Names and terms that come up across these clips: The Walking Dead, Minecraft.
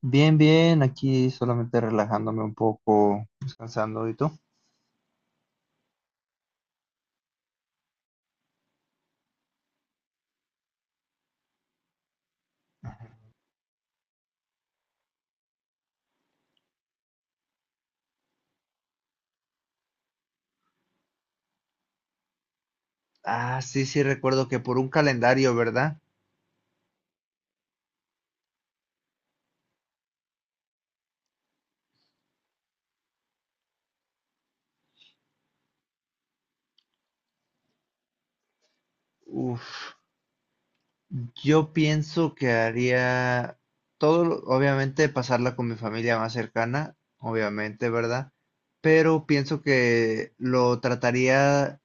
Bien, bien, aquí solamente relajándome un poco, descansando. ¿Y tú? Ah, sí, sí, recuerdo que por un calendario, ¿verdad? Uf, yo pienso que haría todo, obviamente pasarla con mi familia más cercana, obviamente, ¿verdad? Pero pienso que lo trataría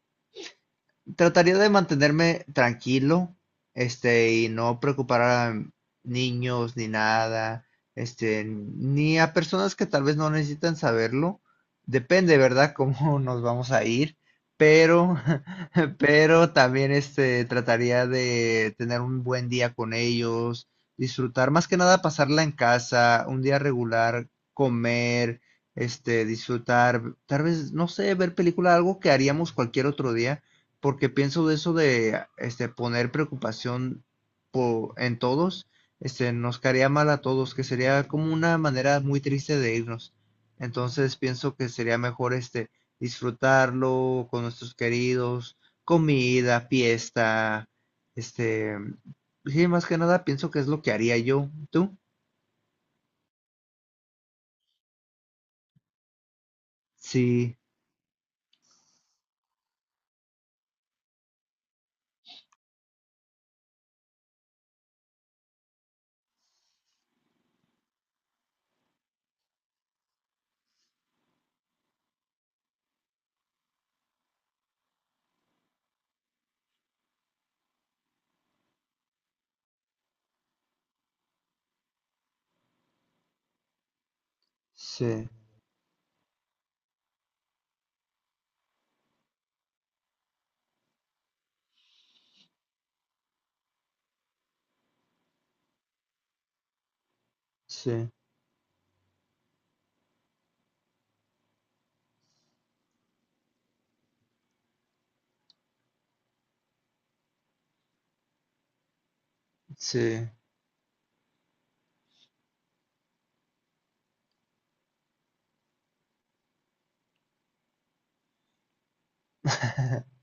Trataría de mantenerme tranquilo, y no preocupar a niños ni nada, ni a personas que tal vez no necesitan saberlo. Depende, ¿verdad?, cómo nos vamos a ir, pero, pero también trataría de tener un buen día con ellos, disfrutar, más que nada pasarla en casa, un día regular, comer, disfrutar, tal vez, no sé, ver película, algo que haríamos cualquier otro día porque pienso de eso de poner preocupación en todos, nos caería mal a todos, que sería como una manera muy triste de irnos. Entonces pienso que sería mejor disfrutarlo con nuestros queridos, comida, fiesta, este, sí, más que nada pienso que es lo que haría yo. ¿Tú? Sí, sí, sí, sí,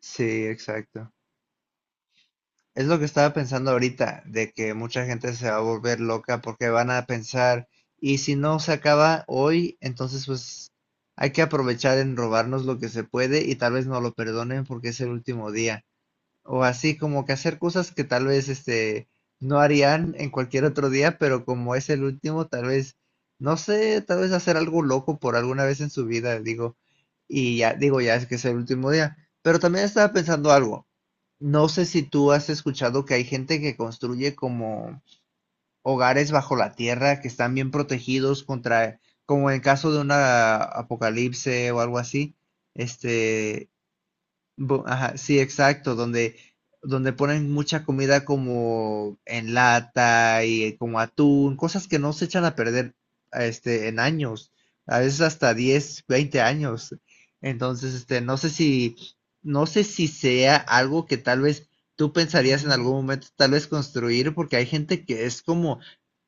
sí, exacto. Es lo que estaba pensando ahorita, de que mucha gente se va a volver loca porque van a pensar, y si no se acaba hoy, entonces pues hay que aprovechar en robarnos lo que se puede y tal vez no lo perdonen porque es el último día. O así como que hacer cosas que tal vez no harían en cualquier otro día, pero como es el último, tal vez, no sé, tal vez hacer algo loco por alguna vez en su vida, digo, y ya, digo, ya es que es el último día. Pero también estaba pensando algo. No sé si tú has escuchado que hay gente que construye como hogares bajo la tierra que están bien protegidos contra, como en caso de una apocalipse o algo así, este, Ajá, sí, exacto, donde, donde ponen mucha comida como en lata y como atún, cosas que no se echan a perder en años, a veces hasta 10-20 años. Entonces, no sé si, no sé si sea algo que tal vez tú pensarías en algún momento tal vez construir, porque hay gente que es como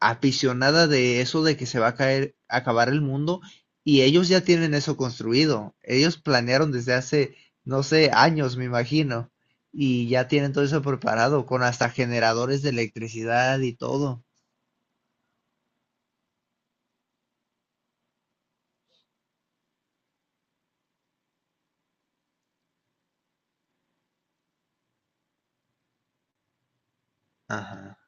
aficionada de eso de que se va a caer, acabar el mundo, y ellos ya tienen eso construido. Ellos planearon desde hace no sé, años, me imagino. Y ya tienen todo eso preparado, con hasta generadores de electricidad y todo. Ajá.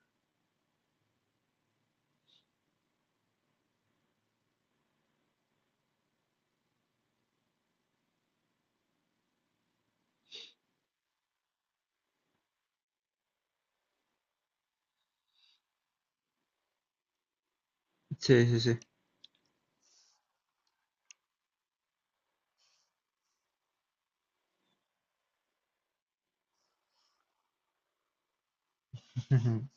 Sí, sí, sí. Ujú.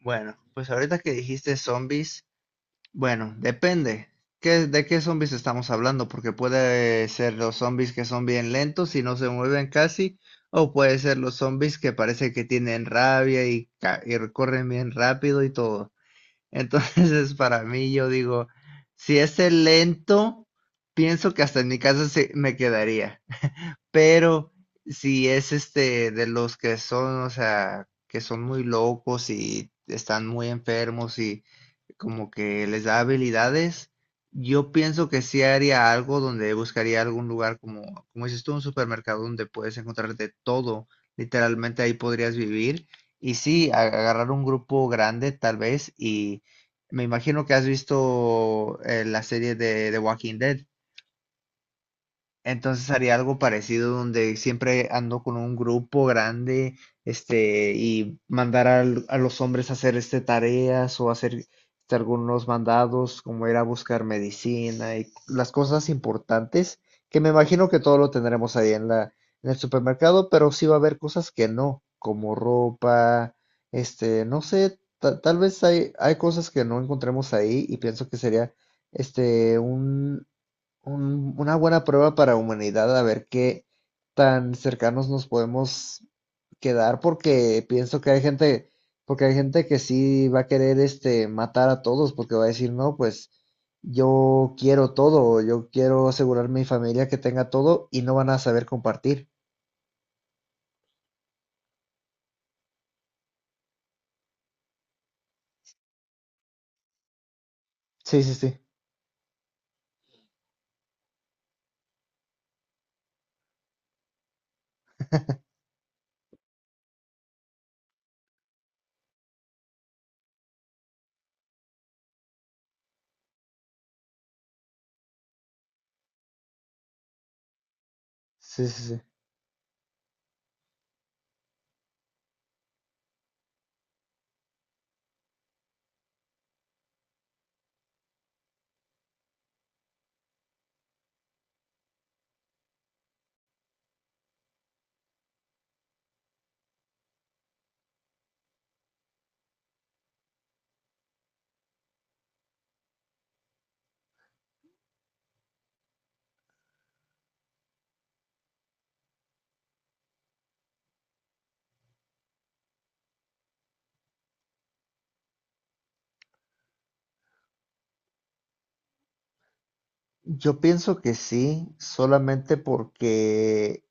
Bueno, pues ahorita que dijiste zombies, bueno, depende. ¿Qué, de qué zombies estamos hablando? Porque puede ser los zombies que son bien lentos y no se mueven casi, o puede ser los zombies que parece que tienen rabia y y corren bien rápido y todo. Entonces, para mí, yo digo, si es el lento, pienso que hasta en mi casa me quedaría pero si es este de los que son, o sea, que son muy locos y están muy enfermos y como que les da habilidades, yo pienso que sí haría algo donde buscaría algún lugar como, como dices tú, un supermercado donde puedes encontrar de todo, literalmente ahí podrías vivir y sí, agarrar un grupo grande tal vez y me imagino que has visto la serie de The Walking Dead. Entonces haría algo parecido donde siempre ando con un grupo grande, y mandar a los hombres a hacer tareas o hacer algunos mandados, como ir a buscar medicina y las cosas importantes, que me imagino que todo lo tendremos ahí en la, en el supermercado, pero sí va a haber cosas que no, como ropa, no sé, tal vez hay, hay cosas que no encontremos ahí y pienso que sería, un una buena prueba para humanidad, a ver qué tan cercanos nos podemos quedar, porque pienso que hay gente, porque hay gente que sí va a querer matar a todos, porque va a decir, no, pues yo quiero todo, yo quiero asegurar mi familia que tenga todo y no van a saber compartir. Sí, sí, sí. Sí, sí, sí. Yo pienso que sí, solamente porque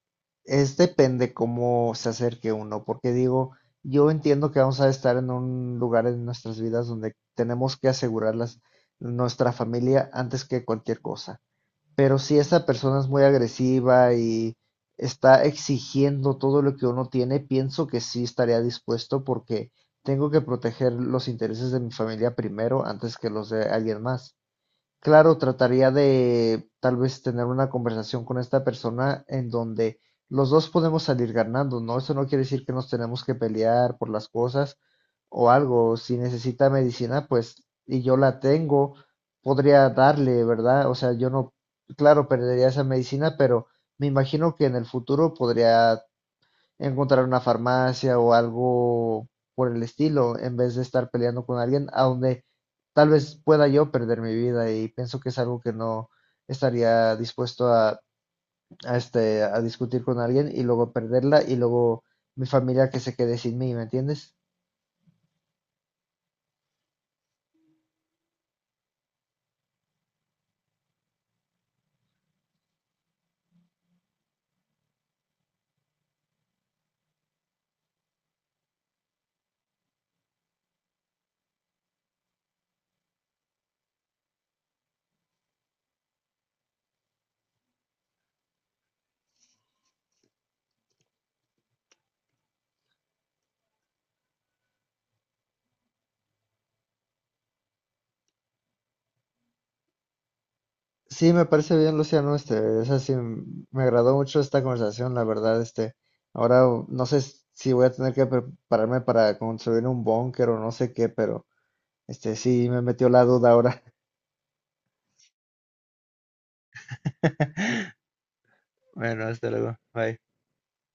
es depende cómo se acerque uno, porque digo, yo entiendo que vamos a estar en un lugar en nuestras vidas donde tenemos que asegurar nuestra familia antes que cualquier cosa. Pero si esa persona es muy agresiva y está exigiendo todo lo que uno tiene, pienso que sí estaría dispuesto porque tengo que proteger los intereses de mi familia primero antes que los de alguien más. Claro, trataría de tal vez tener una conversación con esta persona en donde los dos podemos salir ganando, ¿no? Eso no quiere decir que nos tenemos que pelear por las cosas o algo. Si necesita medicina, pues, y yo la tengo, podría darle, ¿verdad? O sea, yo no, claro, perdería esa medicina, pero me imagino que en el futuro podría encontrar una farmacia o algo por el estilo, en vez de estar peleando con alguien a donde tal vez pueda yo perder mi vida y pienso que es algo que no estaría dispuesto a discutir con alguien y luego perderla y luego mi familia que se quede sin mí, ¿me entiendes? Sí, me parece bien, Luciano, es así, me agradó mucho esta conversación, la verdad, ahora no sé si voy a tener que prepararme para construir un búnker o no sé qué, pero este sí me metió la duda ahora. Bueno, hasta luego. Bye.